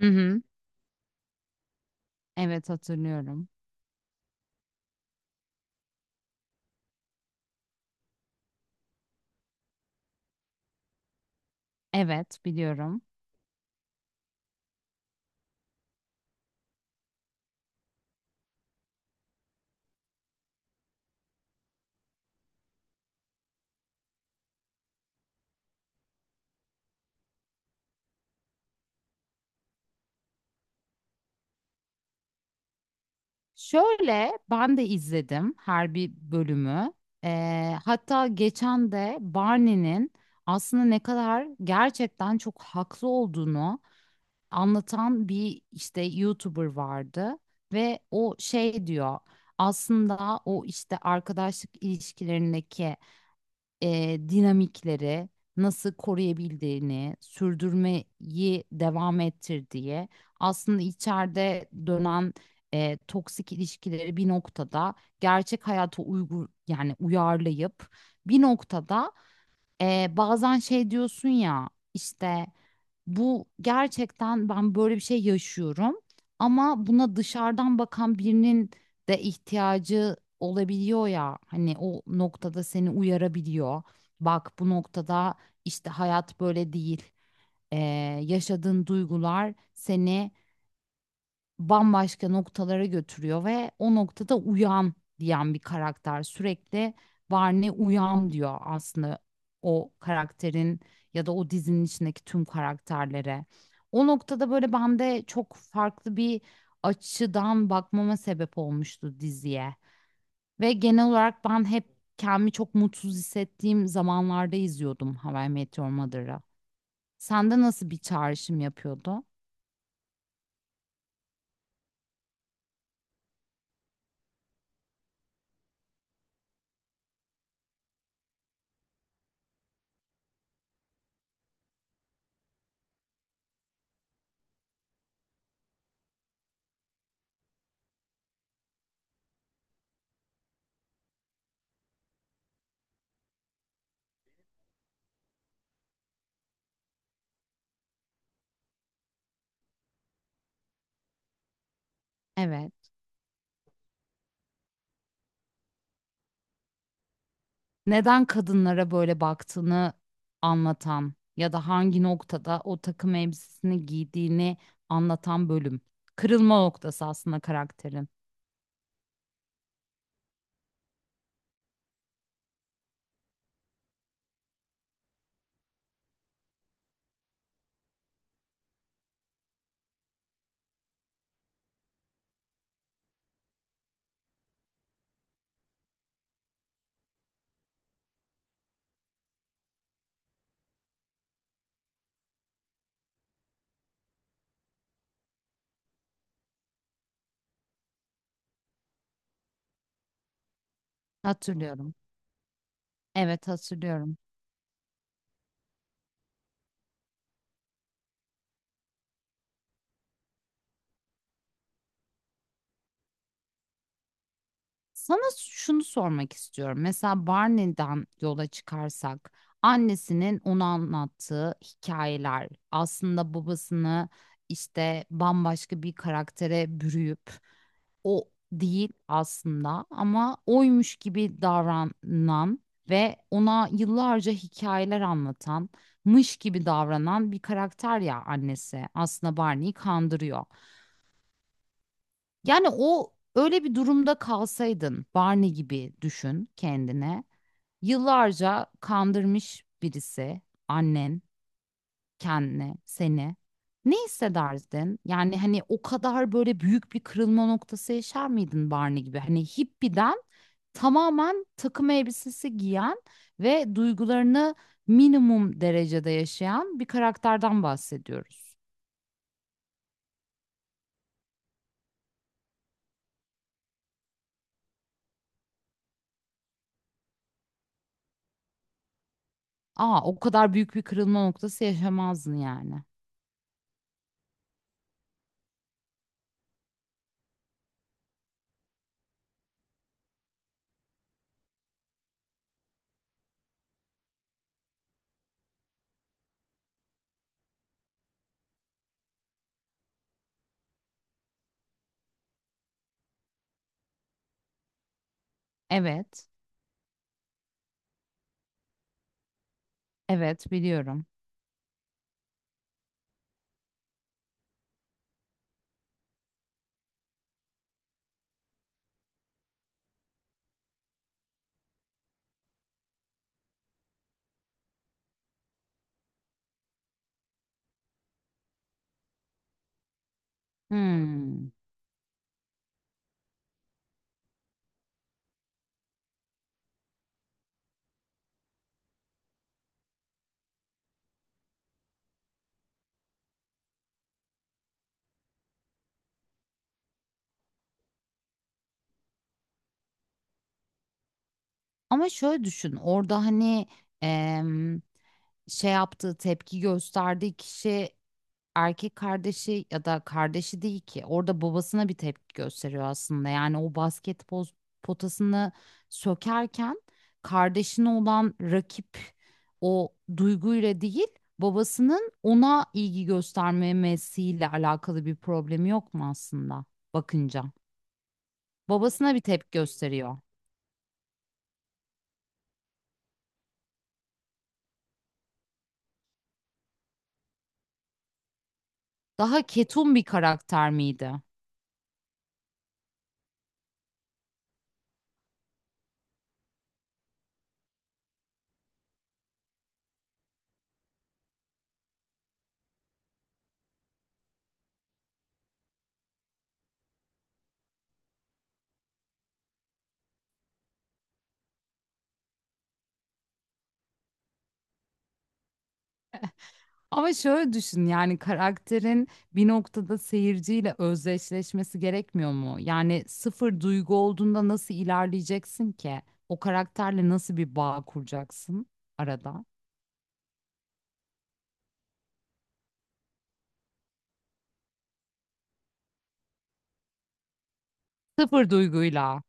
Hı hı. Evet, hatırlıyorum. Evet, biliyorum. Şöyle ben de izledim her bir bölümü. Hatta geçen de Barney'nin aslında ne kadar gerçekten çok haklı olduğunu anlatan bir işte YouTuber vardı ve o şey diyor. Aslında o işte arkadaşlık ilişkilerindeki dinamikleri nasıl koruyabildiğini, sürdürmeyi devam ettir diye aslında içeride dönen toksik ilişkileri bir noktada gerçek hayata yani uyarlayıp bir noktada bazen şey diyorsun ya işte bu gerçekten ben böyle bir şey yaşıyorum, ama buna dışarıdan bakan birinin de ihtiyacı olabiliyor ya hani o noktada seni uyarabiliyor. Bak, bu noktada işte hayat böyle değil. Ee, Yaşadığın duygular seni bambaşka noktalara götürüyor ve o noktada uyan diyen bir karakter sürekli. Barney uyan diyor aslında o karakterin ya da o dizinin içindeki tüm karakterlere. O noktada böyle bende çok farklı bir açıdan bakmama sebep olmuştu diziye. Ve genel olarak ben hep kendimi çok mutsuz hissettiğim zamanlarda izliyordum How I Met Your Mother'ı. Sende nasıl bir çağrışım yapıyordu? Evet. Neden kadınlara böyle baktığını anlatan ya da hangi noktada o takım elbisesini giydiğini anlatan bölüm. Kırılma noktası aslında karakterin. Hatırlıyorum. Evet, hatırlıyorum. Sana şunu sormak istiyorum. Mesela Barney'den yola çıkarsak, annesinin ona anlattığı hikayeler aslında babasını işte bambaşka bir karaktere bürüyüp o değil aslında ama oymuş gibi davranan ve ona yıllarca hikayeler anlatan, mış gibi davranan bir karakter ya annesi. Aslında Barney'i kandırıyor. Yani o öyle bir durumda kalsaydın, Barney gibi düşün kendine. Yıllarca kandırmış birisi, annen, kendini, seni. Ne hissederdin? Yani hani o kadar böyle büyük bir kırılma noktası yaşar mıydın Barney gibi? Hani hippiden tamamen takım elbisesi giyen ve duygularını minimum derecede yaşayan bir karakterden bahsediyoruz. Aa, o kadar büyük bir kırılma noktası yaşamazdın yani. Evet, evet, biliyorum. Hmm. Ama şöyle düşün, orada hani em, şey yaptığı tepki gösterdiği kişi erkek kardeşi ya da kardeşi değil ki, orada babasına bir tepki gösteriyor aslında. Yani o basketbol potasını sökerken kardeşine olan rakip o duyguyla değil, babasının ona ilgi göstermemesiyle alakalı bir problemi yok mu aslında bakınca? Babasına bir tepki gösteriyor. Daha ketum bir karakter miydi? Ama şöyle düşün, yani karakterin bir noktada seyirciyle özdeşleşmesi gerekmiyor mu? Yani sıfır duygu olduğunda nasıl ilerleyeceksin ki? O karakterle nasıl bir bağ kuracaksın arada? Sıfır duyguyla.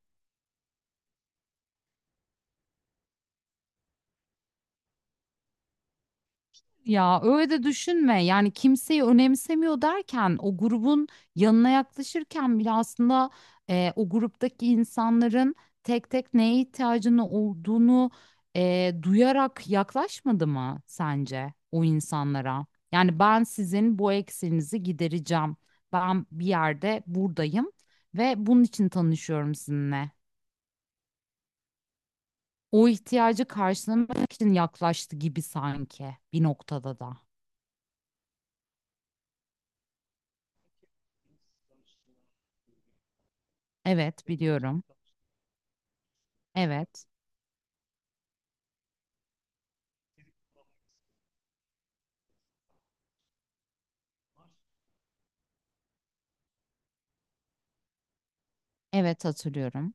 Ya öyle de düşünme. Yani kimseyi önemsemiyor derken o grubun yanına yaklaşırken bile aslında o gruptaki insanların tek tek neye ihtiyacını olduğunu duyarak yaklaşmadı mı sence o insanlara? Yani ben sizin bu eksiğinizi gidereceğim. Ben bir yerde buradayım ve bunun için tanışıyorum sizinle. O ihtiyacı karşılamak için yaklaştı gibi sanki bir noktada da. Evet, biliyorum. Evet, evet, hatırlıyorum.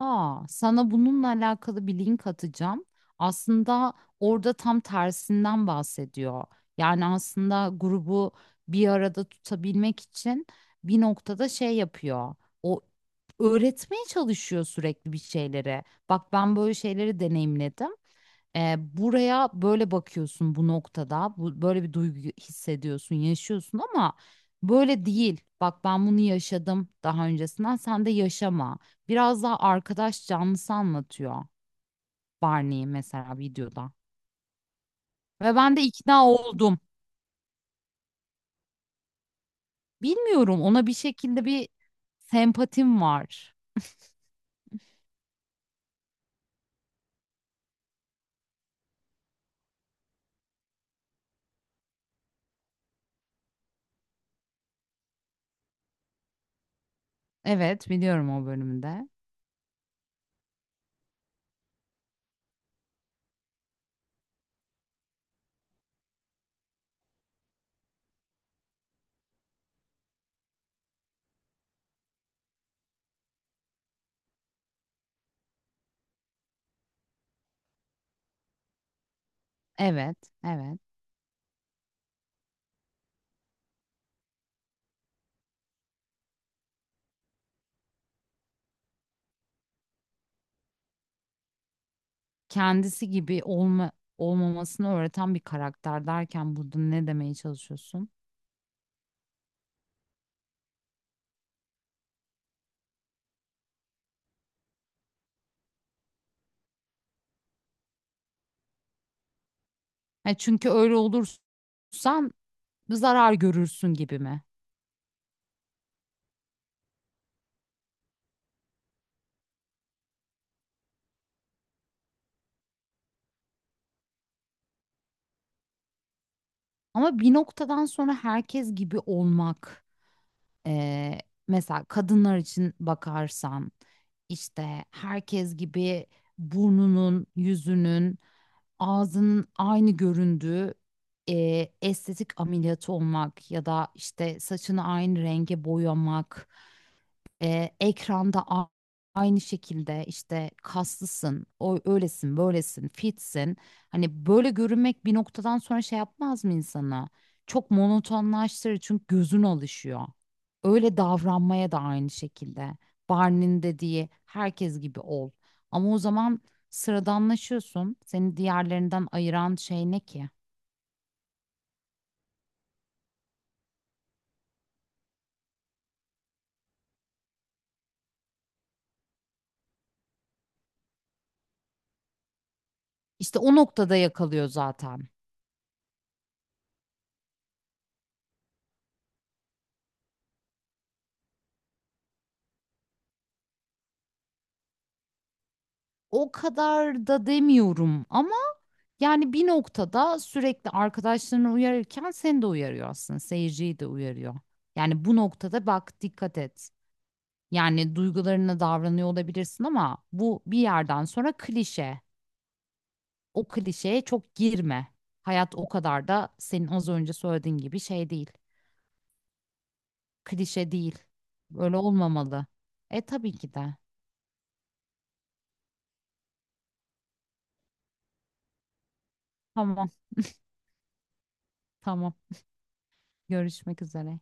Aa, sana bununla alakalı bir link atacağım. Aslında orada tam tersinden bahsediyor. Yani aslında grubu bir arada tutabilmek için bir noktada şey yapıyor. O öğretmeye çalışıyor sürekli bir şeyleri. Bak, ben böyle şeyleri deneyimledim. E, buraya böyle bakıyorsun bu noktada. Bu, böyle bir duygu hissediyorsun, yaşıyorsun ama böyle değil. Bak, ben bunu yaşadım daha öncesinden. Sen de yaşama. Biraz daha arkadaş canlısı anlatıyor Barney'i mesela videoda. Ve ben de ikna oldum. Bilmiyorum, ona bir şekilde bir sempatim var. Evet, biliyorum o bölümde. Evet, evet. Kendisi gibi olmamasını öğreten bir karakter derken burada ne demeye çalışıyorsun? Ha, çünkü öyle olursan zarar görürsün gibi mi? Ama bir noktadan sonra herkes gibi olmak. Eee, Mesela kadınlar için bakarsan işte herkes gibi burnunun, yüzünün, ağzının aynı göründüğü estetik ameliyatı olmak ya da işte saçını aynı renge boyamak. Ekranda aynı şekilde işte kaslısın, o öylesin, böylesin, fitsin. Hani böyle görünmek bir noktadan sonra şey yapmaz mı insana? Çok monotonlaştırır çünkü gözün alışıyor. Öyle davranmaya da aynı şekilde. Barney'nin dediği herkes gibi ol. Ama o zaman sıradanlaşıyorsun. Seni diğerlerinden ayıran şey ne ki? İşte o noktada yakalıyor zaten. O kadar da demiyorum ama yani bir noktada sürekli arkadaşlarını uyarırken seni de uyarıyor aslında. Seyirciyi de uyarıyor. Yani bu noktada bak dikkat et. Yani duygularına davranıyor olabilirsin ama bu bir yerden sonra klişe. O klişeye çok girme. Hayat o kadar da senin az önce söylediğin gibi şey değil. Klişe değil. Böyle olmamalı. E tabii ki de. Tamam, tamam. Görüşmek üzere.